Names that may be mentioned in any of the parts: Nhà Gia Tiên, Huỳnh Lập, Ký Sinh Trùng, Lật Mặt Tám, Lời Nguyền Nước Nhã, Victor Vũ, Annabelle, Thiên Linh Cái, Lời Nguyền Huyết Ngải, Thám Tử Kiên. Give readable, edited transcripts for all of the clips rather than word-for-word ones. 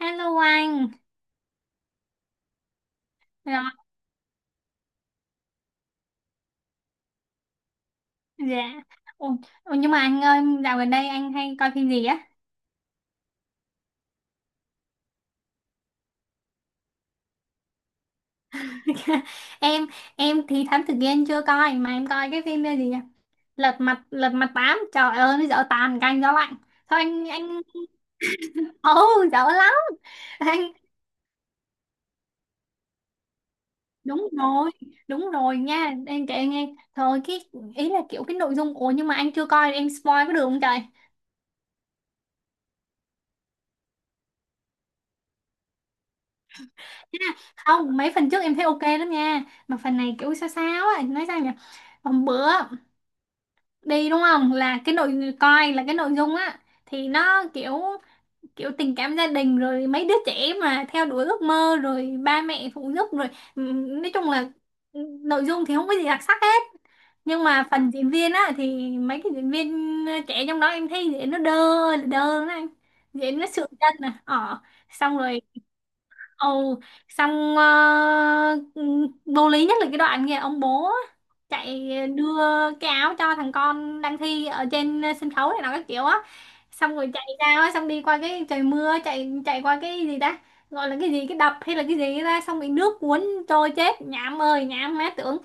Hello anh. Rồi, dạ. Ồ, ồ, nhưng mà anh ơi, dạo gần đây anh hay coi phim gì á? Em em thì Thám Tử Kiên chưa coi mà em coi cái phim gì nhỉ? Lật mặt 8. Trời ơi, nó dở tàn canh gió lạnh. Thôi anh ồ dở lắm. Anh đúng rồi, đúng rồi nha. Em kể nghe. Thôi cái ý là kiểu cái nội dung, ủa nhưng mà anh chưa coi em spoil có được không trời? Ha, không, mấy phần trước em thấy ok lắm nha. Mà phần này kiểu sao sao á, nói sao nhỉ? Hôm bữa đi đúng không, là cái nội coi, là cái nội dung á thì nó kiểu kiểu tình cảm gia đình, rồi mấy đứa trẻ mà theo đuổi ước mơ, rồi ba mẹ phụ giúp, rồi nói chung là nội dung thì không có gì đặc sắc hết. Nhưng mà phần diễn viên á thì mấy cái diễn viên trẻ trong đó em thấy diễn nó đơ, là đơ đó anh, diễn nó sượng chân à ờ. Xong rồi. Ồ, xong vô lý nhất là cái đoạn kìa, ông bố chạy đưa cái áo cho thằng con đang thi ở trên sân khấu này nó các kiểu á, xong rồi chạy ra á, xong đi qua cái trời mưa, chạy chạy qua cái gì ta, gọi là cái gì, cái đập hay là cái gì ra, xong bị nước cuốn trôi chết. Nhảm ơi nhảm má tưởng.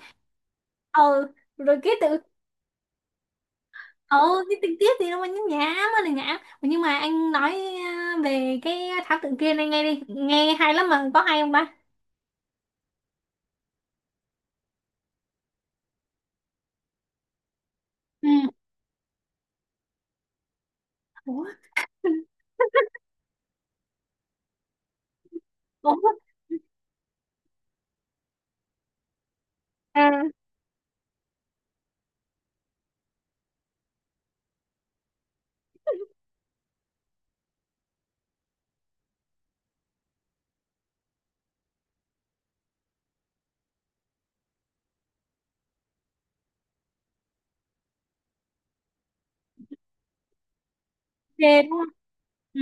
Ừ, rồi cái tự. Ừ, cái tình tiết gì đâu mà nhảm ơi là nhảm. Nhưng mà anh nói về cái thảo tự kia này, nghe đi nghe hay lắm mà, có hay không ba? Ừ. Ủa? À, ghê đúng không. Ừ.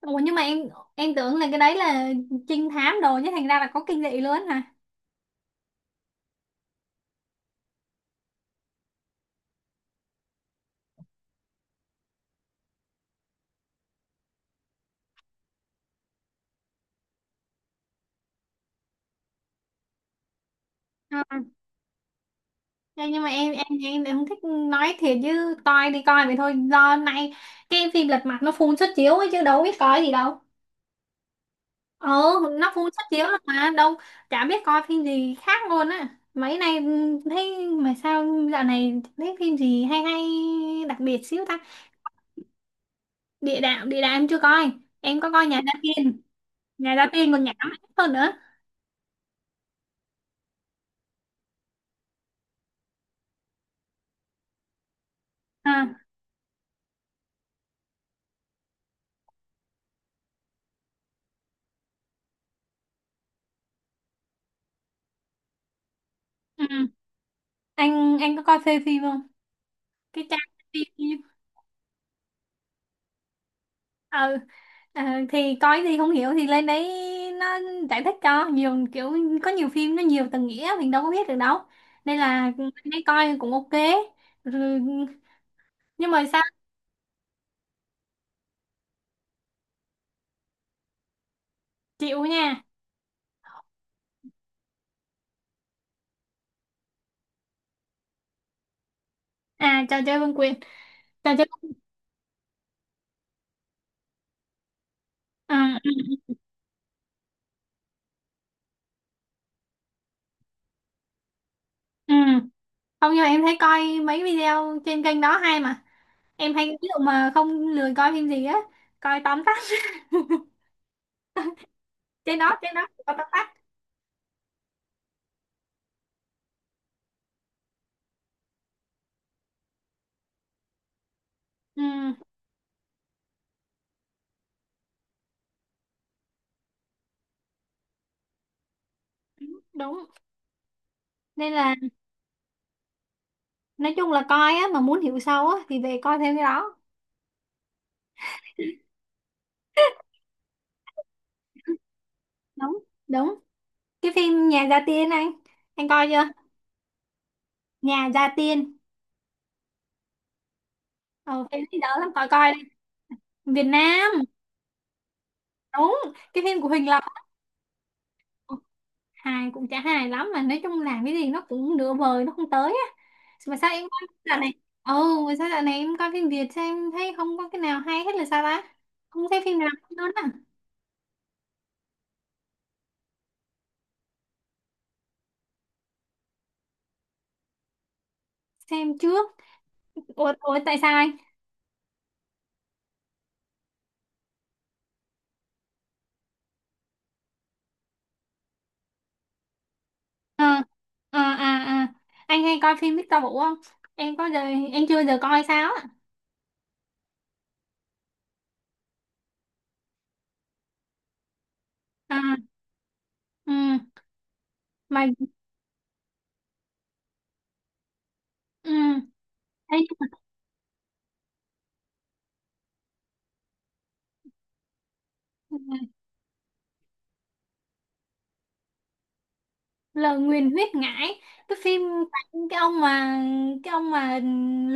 Ủa nhưng mà em tưởng là cái đấy là trinh thám đồ chứ, thành ra là có kinh dị luôn hả? À. Thế nhưng mà em không thích, nói thiệt chứ coi đi coi vậy thôi, do nay cái phim lật mặt nó phun suất chiếu ấy chứ đâu biết coi gì đâu. Ừ, nó phun suất chiếu lắm mà đâu, chả biết coi phim gì khác luôn á mấy nay. Ừ, thấy mà sao dạo này thấy phim gì hay hay đặc biệt xíu ta. Địa đạo, địa đạo em chưa coi. Em có coi Nhà Gia Tiên. Nhà Gia Tiên còn nhảm hơn nữa. Ha. Ừ. anh có coi phê phim không, cái trang phim ừ. ờ, ờ, thì coi thì không hiểu thì lên đấy nó giải thích cho nhiều kiểu, có nhiều phim nó nhiều tầng nghĩa mình đâu có biết được đâu, nên là lên đấy coi cũng ok. Rồi, nhưng mà sao, chịu nha. À, trò chơi vương quyền, trò chơi. Ừ, ừ, ừ. Không, nhưng mà em thấy coi mấy video trên kênh đó hay mà. Em hay ví dụ mà không lười coi phim gì á coi tóm tắt. Trên đó, trên đó có tóm tắt. Ừ, đúng, nên là nói chung là coi á mà muốn hiểu sâu á thì về coi thêm cái đó. Đúng đúng. Cái phim Nhà Gia Tiên anh coi chưa? Nhà Gia Tiên. Ờ, phim ấy đỡ lắm, coi coi đi. Việt Nam. Đúng, cái phim của Huỳnh Lập. Hài cũng chả hài lắm, mà nói chung làm cái gì nó cũng nửa vời, nó không tới á. Mà sao em coi dạo này, ừ, mà sao dạo này em coi phim Việt sao em thấy không có cái nào hay hết là sao ta, không thấy phim nào hay luôn á. Xem trước. Ủa, ủa tại sao anh? Ờ, ờ, à, à. Anh hay coi phim Victor Vũ không? Em có giờ, em chưa giờ coi sao á. À, ừ, mà ừ, thấy lời nguyền huyết ngải, cái phim, cái ông mà, cái ông mà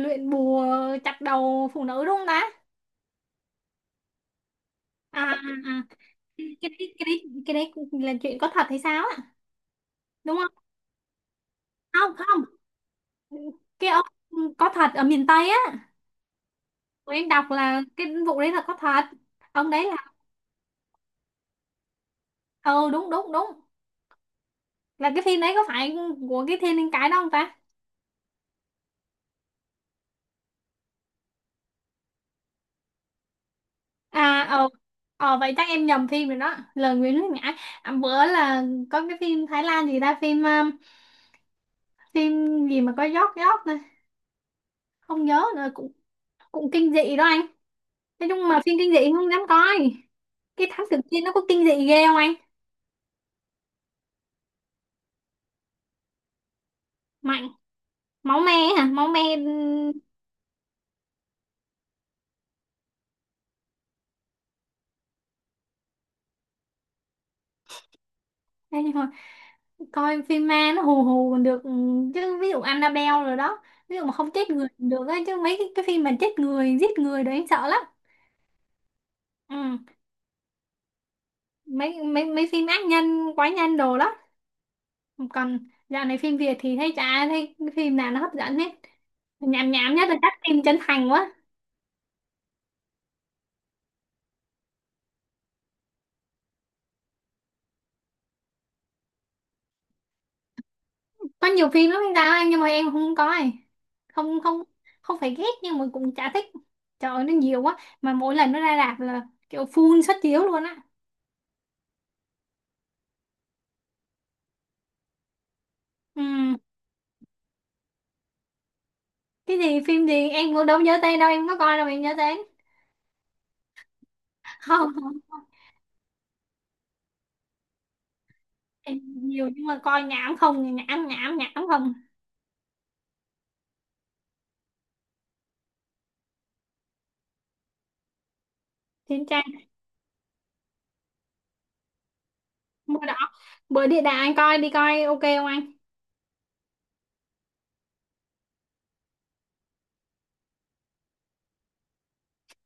luyện bùa chặt đầu phụ nữ đúng không ta? À, à, à. Cái đấy là chuyện có thật hay sao á? Đúng không? Không không. Cái ông có thật ở miền Tây á. Tụi em đọc là cái vụ đấy là có thật. Ông đấy là, ừ đúng đúng đúng. Là cái phim đấy có phải của cái Thiên Linh Cái đó không ta? À, ờ, ờ vậy chắc em nhầm phim rồi đó, lời nguyền nước nhã. À, bữa là có cái phim Thái Lan gì ta, phim phim gì mà có giót giót này, không nhớ nữa, cũng cũng kinh dị đó anh. Nói chung mà phim kinh dị không dám coi. Cái thám tử kia nó có kinh dị ghê không anh, mạnh máu me hả, máu me hay thôi, coi phim ma nó hù hù còn được. Ừ, chứ ví dụ Annabelle rồi đó, ví dụ mà không chết người cũng được ấy, chứ mấy cái phim mà chết người giết người đấy anh sợ lắm. Ừ, mấy mấy mấy phim ác nhân quái nhân đồ đó. Còn dạo này phim Việt thì thấy chả thấy phim nào nó hấp dẫn hết, nhảm nhảm nhất là các phim chân thành quá, có nhiều phim lắm anh Đào anh nhưng mà em không coi. Không, không, không phải ghét nhưng mà cũng chả thích. Trời ơi, nó nhiều quá mà mỗi lần nó ra rạp là kiểu full suất chiếu luôn á. Ừ. Cái gì phim gì em cũng đâu nhớ tên đâu, em có coi đâu mà em nhớ tên. Không không không. Em nhiều nhưng mà coi nhảm không, nhảm nhảm nhảm không. Thì bữa đó, bữa địa đạo anh coi đi, coi ok không anh?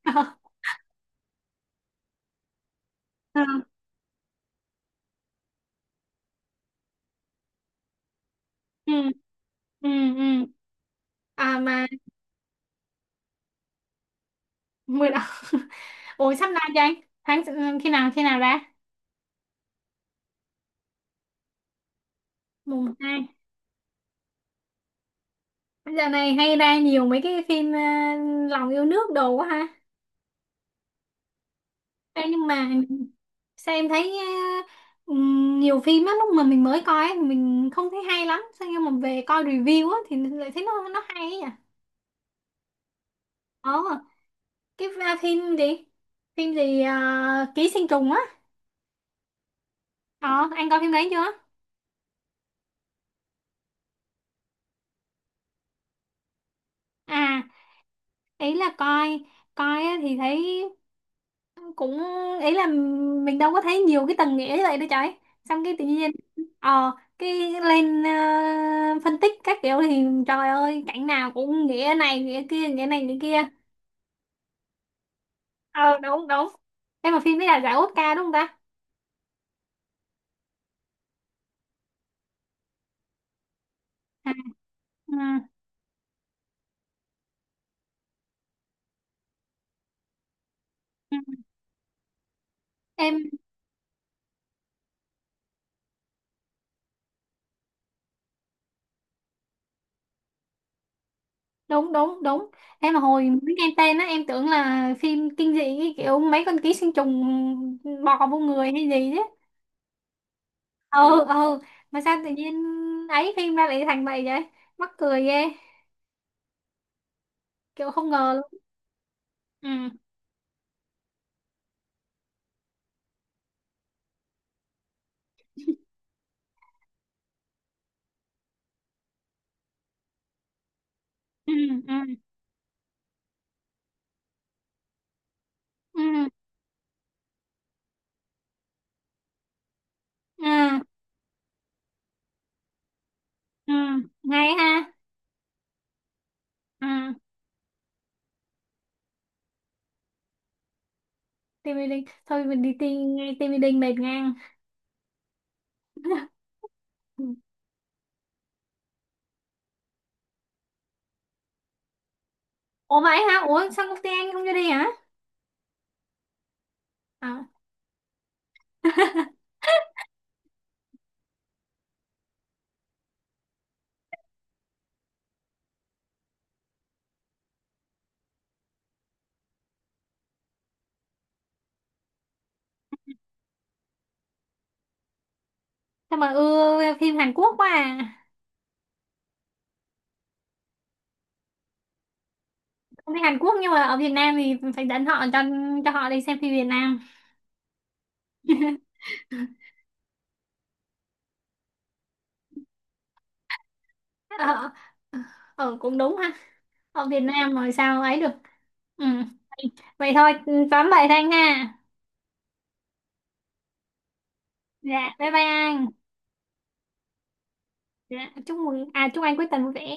Ờ, ừ ừ ừ. À mà bữa đó, ủa sắp ra cho anh, tháng, khi nào ra? Mùng 2. Giờ này hay ra nhiều mấy cái phim lòng yêu nước đồ quá ha. Ê, nhưng mà sao em thấy ờ, nhiều phim á lúc mà mình mới coi ấy, mình không thấy hay lắm sao, nhưng mà về coi review á thì lại thấy nó hay ấy nhỉ. ờ cái phim gì ký sinh trùng á. Ờ, anh coi phim đấy chưa? À, ý là coi, coi á thì thấy cũng, ý là mình đâu có thấy nhiều cái tầng nghĩa như vậy đâu trời. Xong cái tự nhiên, ờ, cái lên phân tích các kiểu thì trời ơi, cảnh nào cũng nghĩa này, nghĩa kia, nghĩa này, nghĩa kia. Ờ, đúng, đúng. Em mà phim đấy là giải Oscar đúng không ta? À, ừ. Ừ. Em, đúng, đúng, đúng. Em mà hồi mới nghe tên á, em tưởng là phim kinh dị cái kiểu mấy con ký sinh trùng bò vô người hay gì chứ. Ừ ừ, mà sao tự nhiên ấy phim ra lại thành vậy vậy, mắc cười ghê, kiểu không ngờ luôn. Ừ ừ ừ ừ ừ ừ, ngay ha. Ừ, tim Mỹ. Thôi mình đi tìm nghe tim Mỹ Linh mệt ngang. Ừ. Ủa vậy hả, ủa sao công ty anh không cho đi hả? À. Sao mà ưa phim Hàn Quốc quá à, công ty Hàn Quốc nhưng mà ở Việt Nam thì phải dẫn họ cho họ đi xem phim Việt Nam. Ờ, ờ, cũng đúng ha, ở Việt Nam rồi sao ấy được. Ừ. Vậy thôi, tóm vậy thanh ha. Dạ bye bye anh. Dạ chúc mừng, à chúc anh cuối tuần vui vẻ.